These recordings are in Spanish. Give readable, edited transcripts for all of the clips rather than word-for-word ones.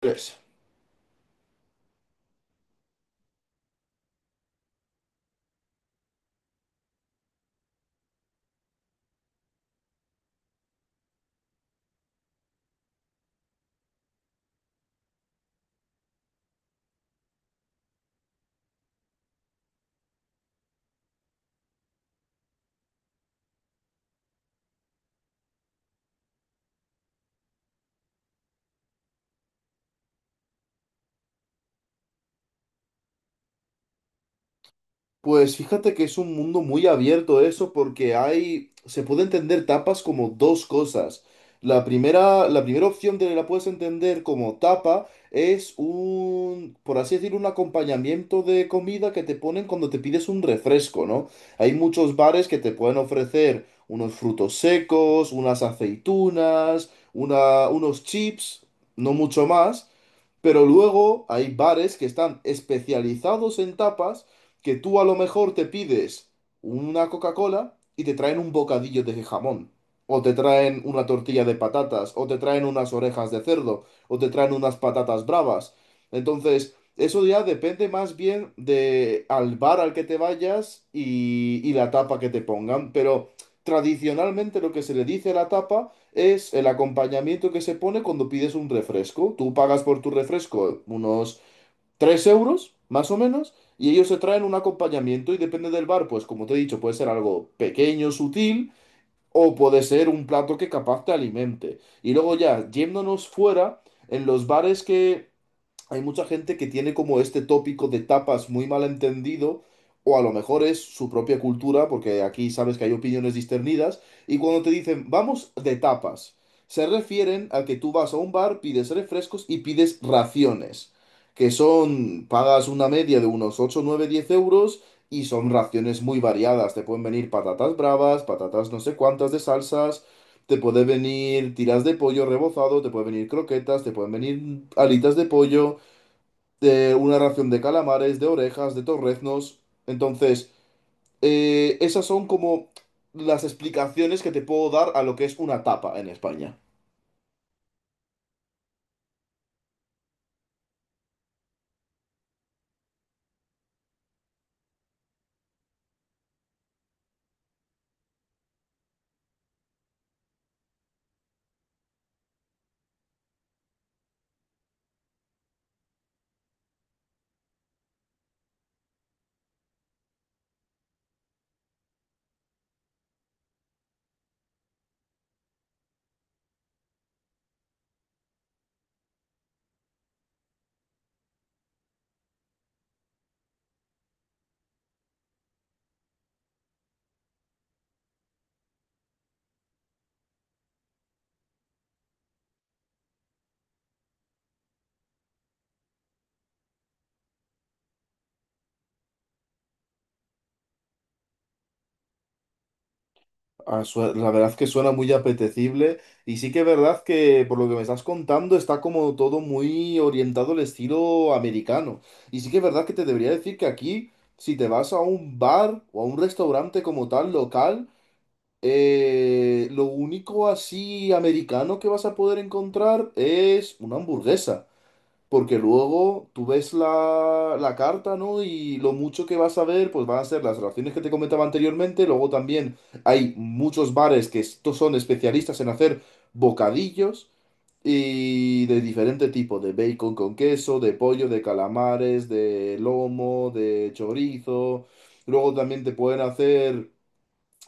Pues, pues, fíjate que es un mundo muy abierto eso porque hay, se puede entender tapas como dos cosas. La primera opción de la puedes entender como tapa es un, por así decir, un acompañamiento de comida que te ponen cuando te pides un refresco, ¿no? Hay muchos bares que te pueden ofrecer unos frutos secos, unas aceitunas, unos chips, no mucho más. Pero luego hay bares que están especializados en tapas, que tú a lo mejor te pides una Coca-Cola y te traen un bocadillo de jamón, o te traen una tortilla de patatas, o te traen unas orejas de cerdo, o te traen unas patatas bravas. Entonces, eso ya depende más bien de al bar al que te vayas y la tapa que te pongan, pero tradicionalmente lo que se le dice a la tapa es el acompañamiento que se pone cuando pides un refresco. Tú pagas por tu refresco unos 3 euros, más o menos, y ellos se traen un acompañamiento y depende del bar, pues como te he dicho, puede ser algo pequeño, sutil, o puede ser un plato que capaz te alimente. Y luego ya, yéndonos fuera, en los bares que hay mucha gente que tiene como este tópico de tapas muy mal entendido, o a lo mejor es su propia cultura, porque aquí sabes que hay opiniones discernidas, y cuando te dicen vamos de tapas, se refieren a que tú vas a un bar, pides refrescos y pides raciones, que son, pagas una media de unos 8 9 10 euros. Y son raciones muy variadas. Te pueden venir patatas bravas, patatas no sé cuántas de salsas, te puede venir tiras de pollo rebozado, te pueden venir croquetas, te pueden venir alitas de pollo, de una ración de calamares, de orejas, de torreznos. Entonces, esas son como las explicaciones que te puedo dar a lo que es una tapa en España. La verdad que suena muy apetecible y sí que es verdad que por lo que me estás contando está como todo muy orientado al estilo americano. Y sí que es verdad que te debería decir que aquí, si te vas a un bar o a un restaurante como tal local, lo único así americano que vas a poder encontrar es una hamburguesa, porque luego tú ves la carta, ¿no? Y lo mucho que vas a ver, pues van a ser las raciones que te comentaba anteriormente. Luego también hay muchos bares que estos son especialistas en hacer bocadillos y de diferente tipo, de bacon con queso, de pollo, de calamares, de lomo, de chorizo. Luego también te pueden hacer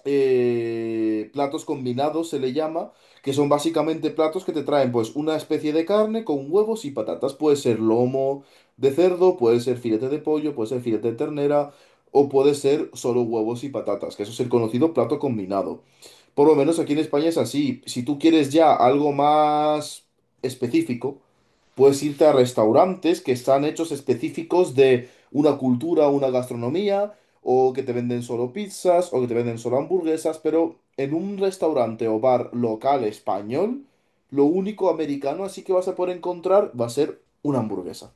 platos combinados se le llama, que son básicamente platos que te traen pues una especie de carne con huevos y patatas. Puede ser lomo de cerdo, puede ser filete de pollo, puede ser filete de ternera o puede ser solo huevos y patatas, que eso es el conocido plato combinado. Por lo menos aquí en España es así. Si tú quieres ya algo más específico, puedes irte a restaurantes que están hechos específicos de una cultura, una gastronomía, o que te venden solo pizzas, o que te venden solo hamburguesas, pero en un restaurante o bar local español, lo único americano así que vas a poder encontrar va a ser una hamburguesa.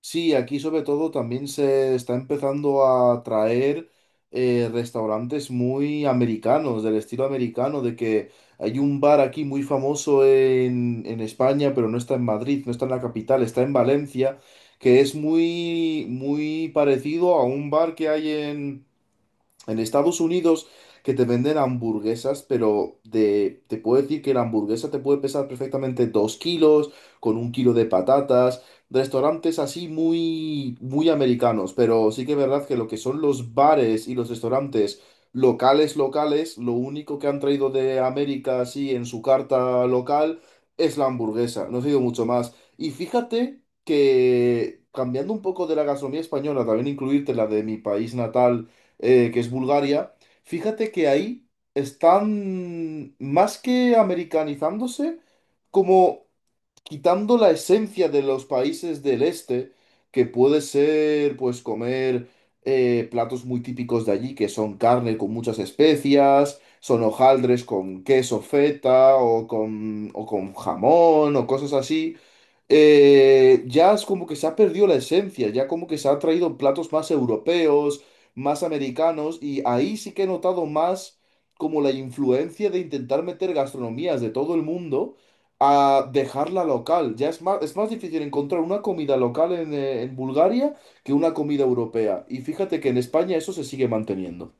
Sí, aquí sobre todo también se está empezando a traer restaurantes muy americanos, del estilo americano. De que hay un bar aquí muy famoso en España, pero no está en Madrid, no está en la capital, está en Valencia, que es muy, muy parecido a un bar que hay en... En Estados Unidos que te venden hamburguesas, pero de, te puedo decir que la hamburguesa te puede pesar perfectamente dos kilos, con un kilo de patatas, restaurantes así muy, muy americanos, pero sí que es verdad que lo que son los bares y los restaurantes locales, locales, lo único que han traído de América así en su carta local es la hamburguesa, no ha sido mucho más. Y fíjate que cambiando un poco de la gastronomía española, también incluirte la de mi país natal, que es Bulgaria, fíjate que ahí están más que americanizándose, como quitando la esencia de los países del este, que puede ser, pues, comer platos muy típicos de allí, que son carne con muchas especias, son hojaldres con queso feta o con jamón o cosas así. Eh, ya es como que se ha perdido la esencia, ya como que se han traído platos más europeos, más americanos, y ahí sí que he notado más como la influencia de intentar meter gastronomías de todo el mundo a dejarla local. Ya es más difícil encontrar una comida local en Bulgaria que una comida europea. Y fíjate que en España eso se sigue manteniendo.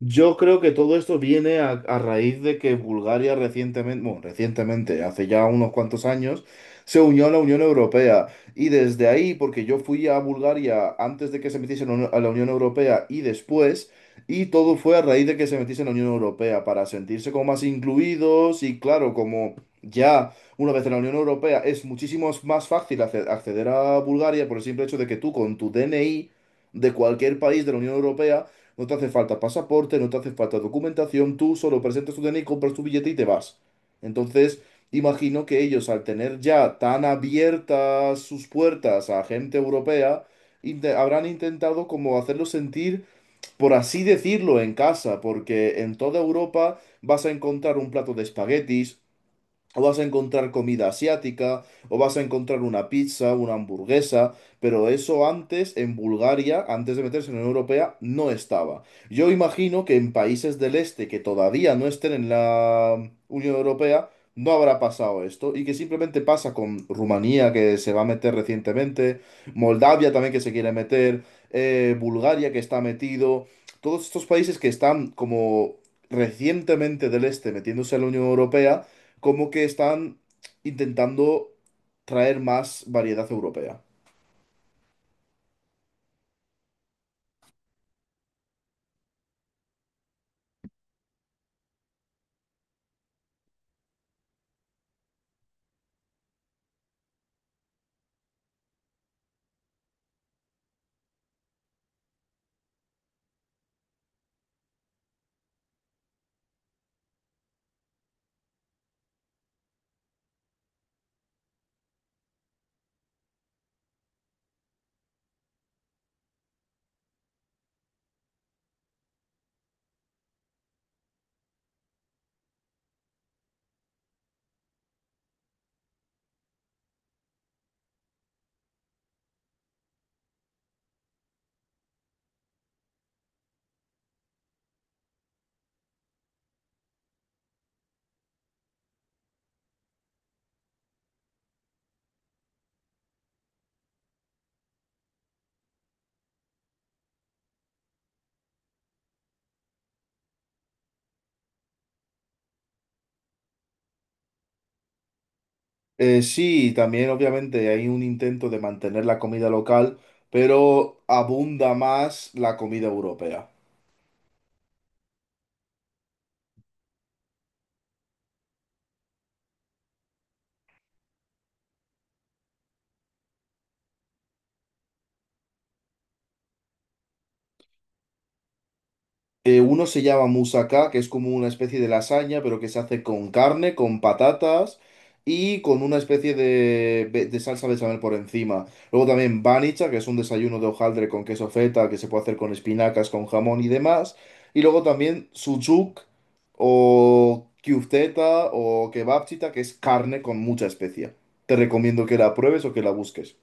Yo creo que todo esto viene a raíz de que Bulgaria recientemente, bueno, recientemente, hace ya unos cuantos años, se unió a la Unión Europea. Y desde ahí, porque yo fui a Bulgaria antes de que se metiese en la a la Unión Europea y después, y todo fue a raíz de que se metiese en la Unión Europea, para sentirse como más incluidos y claro, como ya una vez en la Unión Europea es muchísimo más fácil acceder a Bulgaria por el simple hecho de que tú con tu DNI de cualquier país de la Unión Europea, no te hace falta pasaporte, no te hace falta documentación, tú solo presentas tu DNI, compras tu billete y te vas. Entonces, imagino que ellos, al tener ya tan abiertas sus puertas a gente europea, habrán intentado como hacerlo sentir, por así decirlo, en casa, porque en toda Europa vas a encontrar un plato de espaguetis, o vas a encontrar comida asiática, o vas a encontrar una pizza, una hamburguesa, pero eso antes en Bulgaria, antes de meterse en la Unión Europea, no estaba. Yo imagino que en países del este que todavía no estén en la Unión Europea, no habrá pasado esto, y que simplemente pasa con Rumanía, que se va a meter recientemente, Moldavia también que se quiere meter, Bulgaria que está metido, todos estos países que están como recientemente del este metiéndose a la Unión Europea como que están intentando traer más variedad europea. Sí, también obviamente hay un intento de mantener la comida local, pero abunda más la comida europea. Uno se llama moussaka, que es como una especie de lasaña, pero que se hace con carne, con patatas y con una especie de, de salsa bechamel por encima. Luego también banicha, que es un desayuno de hojaldre con queso feta, que se puede hacer con espinacas, con jamón y demás. Y luego también sucuk o kyufteta o kebabchita, que es carne con mucha especia. Te recomiendo que la pruebes o que la busques.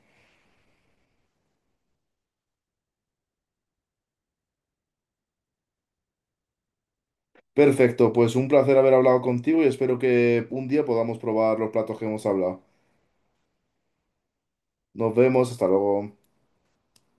Perfecto, pues un placer haber hablado contigo y espero que un día podamos probar los platos que hemos hablado. Nos vemos, hasta luego.